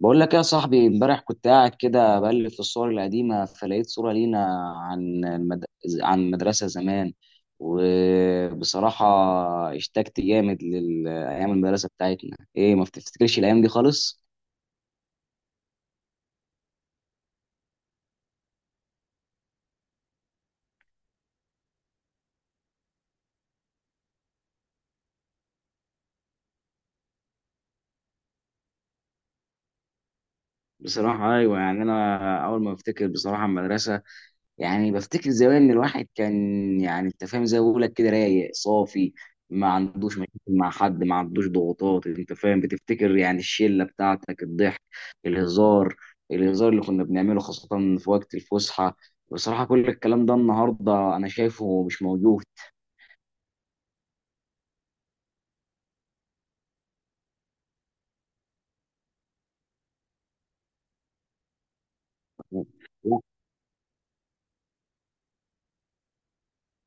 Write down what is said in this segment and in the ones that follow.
بقول لك يا صاحبي، امبارح كنت قاعد كده بقلب في الصور القديمة فلقيت صورة لينا عن المد... عن المدرسة زمان. وبصراحة اشتقت جامد لأيام المدرسة بتاعتنا، ايه ما بتفتكرش الأيام دي خالص؟ بصراحة أيوة. يعني أنا أول ما بفتكر بصراحة المدرسة، يعني بفتكر زمان ان الواحد كان، يعني انت فاهم زي ما بقول لك كده، رايق صافي. ما عندوش مشاكل مع حد، ما عندوش ضغوطات، انت فاهم، بتفتكر يعني الشله بتاعتك، الضحك، الهزار الهزار اللي كنا بنعمله خاصه في وقت الفسحه. بصراحه كل الكلام ده النهارده انا شايفه مش موجود.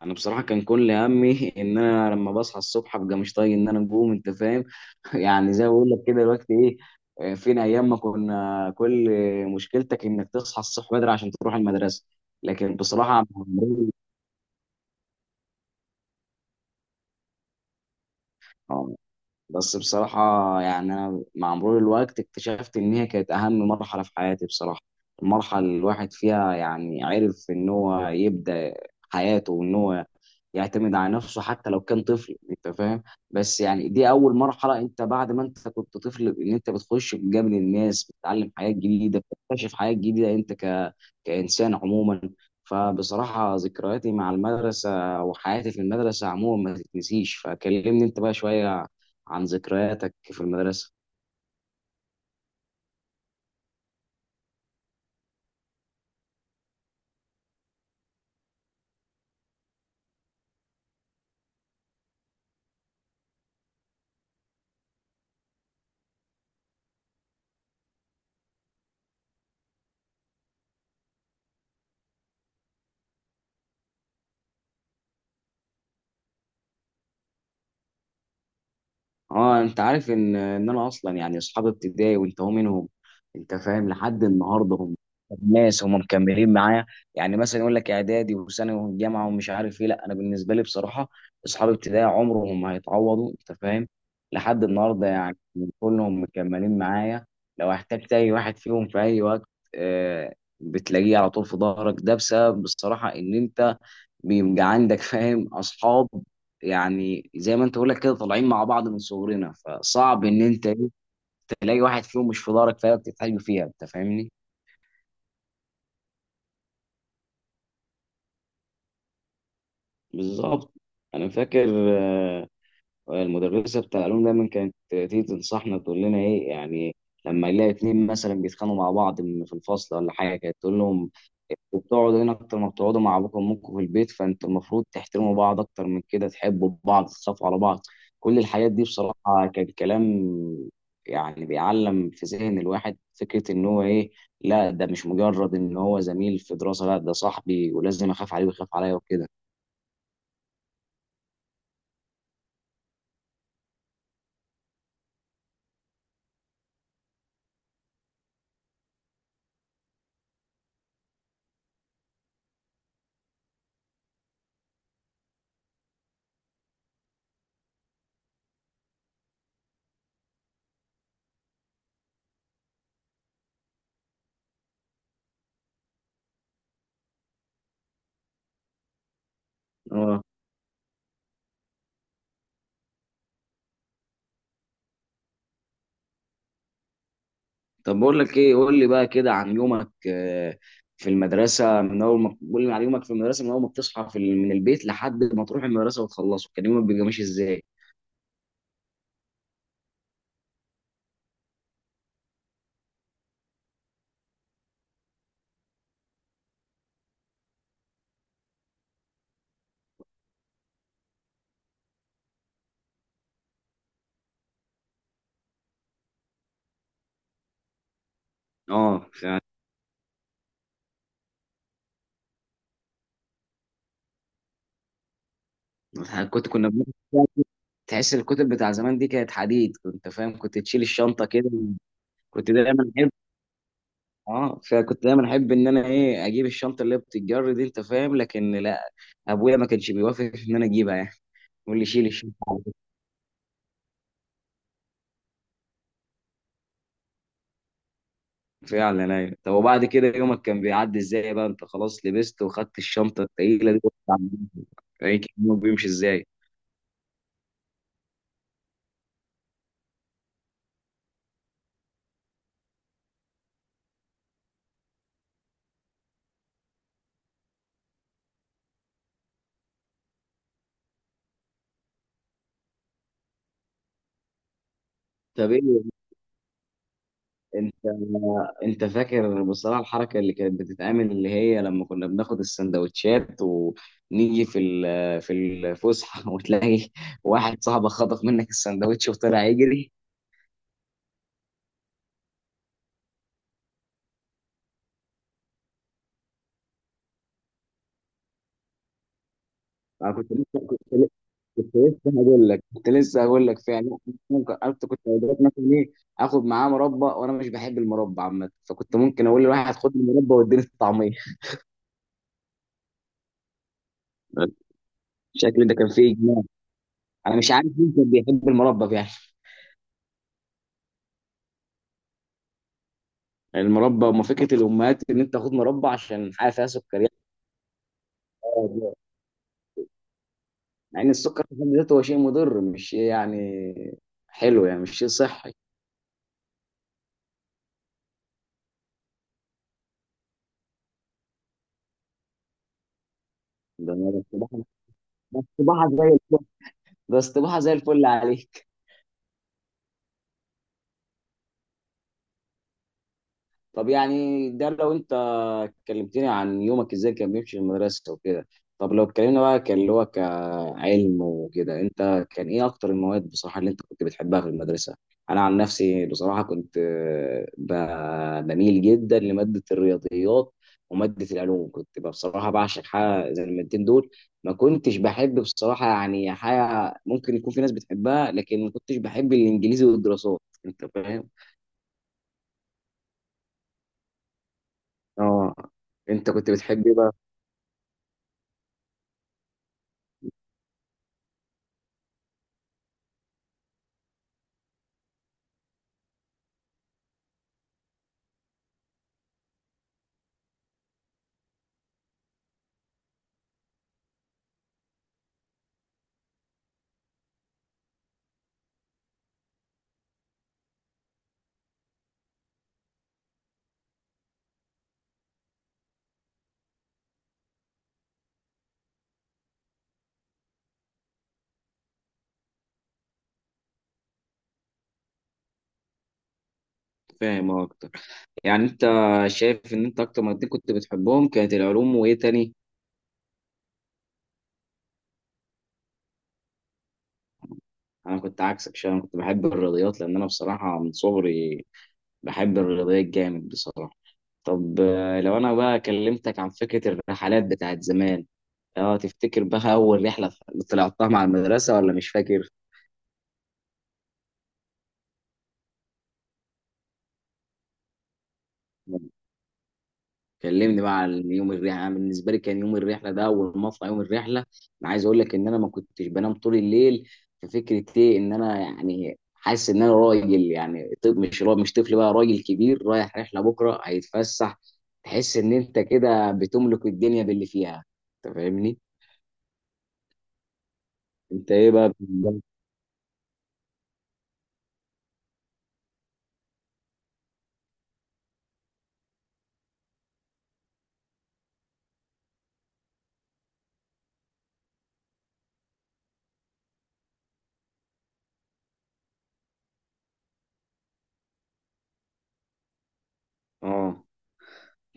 انا بصراحه كان كل همي ان انا لما بصحى الصبح ابقى مش طايق ان انا اقوم، انت فاهم. يعني زي ما بقول لك كده دلوقتي ايه، فين ايام ما كنا كل مشكلتك انك تصحى الصبح بدري عشان تروح المدرسه؟ لكن بصراحه، بس بصراحة، يعني أنا مع مرور الوقت اكتشفت إن هي كانت أهم مرحلة في حياتي بصراحة. المرحلة اللي الواحد فيها يعني عرف إن هو يبدأ حياته، وإن هو يعتمد على نفسه حتى لو كان طفل، أنت فاهم. بس يعني دي أول مرحلة، أنت بعد ما أنت كنت طفل، إن أنت بتخش بجانب الناس، بتتعلم حاجات جديدة، بتكتشف حاجات جديدة أنت كإنسان عموما. فبصراحة ذكرياتي مع المدرسة وحياتي في المدرسة عموما ما تتنسيش. فكلمني أنت بقى شوية عن ذكرياتك في المدرسة. اه، انت عارف ان انا اصلا، يعني اصحاب ابتدائي وانت هو منهم، انت فاهم، لحد النهارده هم ناس هم مكملين معايا. يعني مثلا يقول لك اعدادي وثانوي وجامعه ومش عارف ايه، لا انا بالنسبه لي بصراحه اصحاب ابتدائي عمرهم ما هيتعوضوا، انت فاهم. لحد النهارده يعني كلهم مكملين معايا. لو احتجت اي واحد فيهم في اي وقت، آه بتلاقيه على طول في ظهرك. ده بسبب بصراحه ان انت بيبقى عندك، فاهم، اصحاب. يعني زي ما انت بقول لك كده، طالعين مع بعض من صغرنا، فصعب ان انت إيه، تلاقي واحد فيهم مش في دارك، فعلا بتتحاجب فيها، انت فاهمني. بالظبط. انا فاكر، آه، المدرسه بتاع العلوم دايما كانت تيجي تنصحنا، تقول لنا ايه يعني، لما نلاقي اتنين مثلا بيتخانقوا مع بعض في الفصل ولا حاجه، كانت تقول لهم: وبتقعدوا هنا اكتر ما بتقعدوا مع ابوكم وامكم في البيت، فانتوا المفروض تحترموا بعض اكتر من كده، تحبوا بعض، تخافوا على بعض. كل الحاجات دي بصراحة كان كلام يعني بيعلم في ذهن الواحد فكرة ان هو ايه، لا ده مش مجرد ان هو زميل في دراسة، لا ده صاحبي ولازم اخاف عليه ويخاف عليا وكده. اه، طب بقول لك ايه، قول لي بقى كده عن يومك، في المدرسة من اول ما، قول لي عن يومك في المدرسة من اول ما بتصحى في من البيت لحد ما تروح المدرسة وتخلصه، كان يومك بيبقى ماشي ازاي؟ اه. كنت كنا بناخد- تحس الكتب بتاع زمان دي كانت حديد، كنت فاهم، كنت تشيل الشنطه كده. كنت دايما احب. اه فكنت دايما احب ان انا ايه اجيب الشنطه اللي بتتجر دي، انت فاهم، لكن لا، ابويا ما كانش بيوافق ان انا اجيبها يعني، يقول لي شيل الشنطه. فعلا ايوه. طب وبعد كده يومك كان بيعدي ازاي بقى، انت خلاص لبست وخدت الشنطه التقيله دي وقعدت على الجنب. يعني كان يومك بيمشي ازاي؟ طب ايه، انت انت فاكر بصراحه الحركه اللي كانت بتتعمل، اللي هي لما كنا بناخد السندوتشات ونيجي في في الفسحه، وتلاقي واحد صاحبك خطف منك السندوتش وطلع يجري؟ انا كنت لسه هقول لك فعلا. ممكن كنت اوقات مثلا ايه اخد معاه مربى، وانا مش بحب المربى عامه، فكنت ممكن اقول لواحد خد المربى واديني الطعميه. الشكل ده كان فيه اجماع. انا مش عارف مين كان بيحب المربى يعني. يعني المربى، وما فكره الامهات ان انت تاخد مربى عشان حاجه فيها سكريات، مع ان السكر في حد ذاته هو شيء مضر، مش شيء يعني حلو، يعني مش شيء صحي. ده استباحه ده استباحه زي الفل ده استباحه زي الفل عليك. طب يعني ده لو انت كلمتني عن يومك ازاي كان بيمشي في المدرسة وكده، طب لو اتكلمنا بقى كان اللي هو كعلم وكده، انت كان ايه اكتر المواد بصراحة اللي انت كنت بتحبها في المدرسة؟ انا عن نفسي بصراحة كنت بميل جدا لمادة الرياضيات. ومادة العلوم كنت بقى بصراحة بعشق حاجة زي المادتين دول. ما كنتش بحب بصراحة يعني حاجة، ممكن يكون في ناس بتحبها، لكن ما كنتش بحب الانجليزي والدراسات، انت فاهم. اه. انت كنت بتحب ايه بقى؟ فاهم اكتر. يعني انت شايف ان انت اكتر مادتين كنت بتحبهم كانت العلوم وايه تاني؟ انا كنت عكسك شويه، انا كنت بحب الرياضيات لان انا بصراحه من صغري بحب الرياضيات جامد بصراحه. طب، لو انا بقى كلمتك عن فكره الرحلات بتاعت زمان، اه تفتكر بقى اول رحله طلعتها مع المدرسه ولا مش فاكر؟ كلمني بقى عن يوم الرحله. انا بالنسبه لي كان يوم الرحله ده، اول ما اطلع يوم الرحله، انا عايز اقول لك ان انا ما كنتش بنام طول الليل. في فكره ايه، ان انا يعني حاسس ان انا راجل، يعني طب مش مش طفل بقى، راجل كبير رايح رحله بكره هيتفسح. تحس ان انت كده بتملك الدنيا باللي فيها، انت فاهمني. انت ايه بقى بالنسبة لك؟ اه.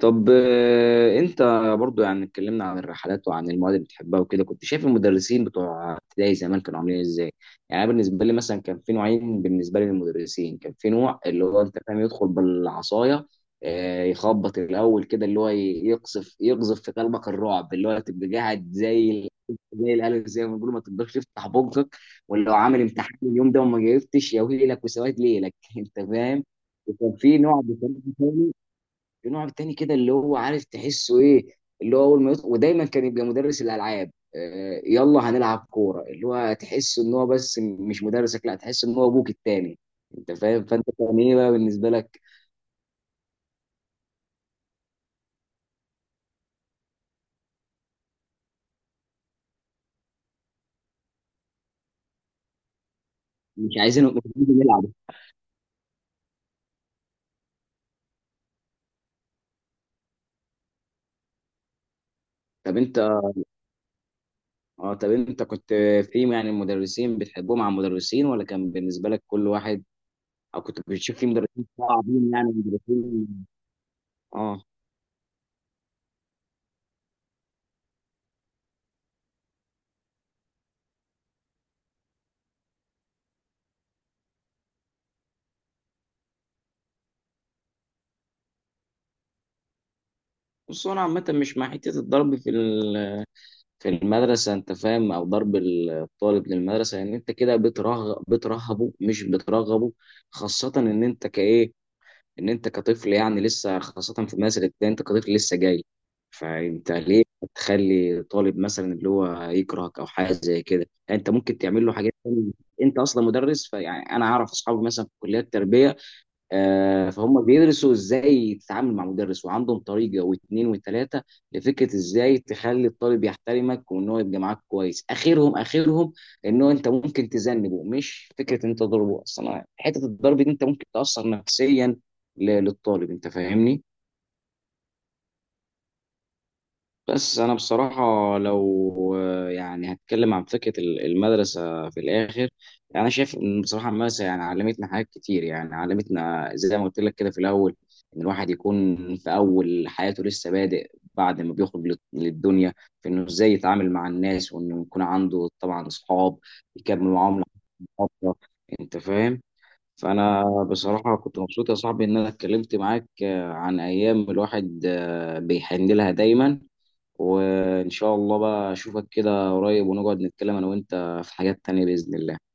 طب، انت برضو، يعني اتكلمنا عن الرحلات وعن المواد اللي بتحبها وكده، كنت شايف المدرسين بتوع ابتدائي زمان كانوا عاملين ازاي؟ يعني أنا بالنسبه لي مثلا كان في نوعين بالنسبه لي للمدرسين. كان في نوع اللي هو، انت فاهم، يدخل بالعصايه، يخبط الاول كده، اللي هو يقذف في قلبك الرعب، اللي هو تبقى قاعد زي زي الالف زي ما بيقولوا، ما تقدرش تفتح بقك. ولو عامل امتحان اليوم ده وما جاوبتش يا ويلك وسواد ليلك. انت فاهم. وكان في نوع بصراحه، النوع التاني كده اللي هو، عارف، تحسه ايه، اللي هو اول ما يطلع، ودايما كان يبقى مدرس الالعاب، يلا هنلعب كوره، اللي هو تحسه ان هو بس مش مدرسك، لا تحس ان هو ابوك التاني، انت فاهم. فانت كان ايه بقى بالنسبه لك؟ مش عايزين، مش عايزين نلعب. طب انت، اه طب انت كنت في، يعني، المدرسين بتحبهم على المدرسين ولا كان بالنسبه لك كل واحد، او كنت بتشوف في مدرسين صعبين، يعني مدرسين. اه، بص هو انا عامه مش مع حته الضرب في المدرسة، أنت فاهم، أو ضرب الطالب للمدرسة، ان يعني أنت كده بترغب بترهبه مش بترغبه. خاصة إن أنت كإيه إن أنت كطفل، يعني لسه، خاصة في المدرسة الابتدائية أنت كطفل لسه جاي. فأنت ليه تخلي طالب مثلا اللي هو يكرهك أو حاجة زي كده؟ يعني أنت ممكن تعمل له حاجات تانية. أنت أصلا مدرس، فيعني أنا أعرف أصحابي مثلا في كليات التربية، فهم بيدرسوا ازاي تتعامل مع مدرس، وعندهم طريقه واثنين وثلاثه لفكره ازاي تخلي الطالب يحترمك وان هو يبقى معاك كويس. اخرهم ان هو انت ممكن تذنبه، مش فكره إن انت تضربه اصلا. حته الضرب دي انت ممكن تاثر نفسيا للطالب، انت فاهمني. بس انا بصراحه، لو يعني هتكلم عن فكره المدرسه في الاخر، انا شايف ان بصراحه المدرسه يعني علمتنا حاجات كتير. يعني علمتنا زي ما قلت لك كده في الاول، ان الواحد يكون في اول حياته لسه بادئ، بعد ما بيخرج للدنيا، في انه ازاي يتعامل مع الناس، وانه يكون عنده طبعا اصحاب يكمل معاهم لحد فتره، انت فاهم. فانا بصراحه كنت مبسوط يا صاحبي ان انا اتكلمت معاك، عن ايام الواحد بيحن لها دايما. وإن شاء الله بقى أشوفك كده قريب، ونقعد نتكلم أنا وأنت في حاجات تانية بإذن الله.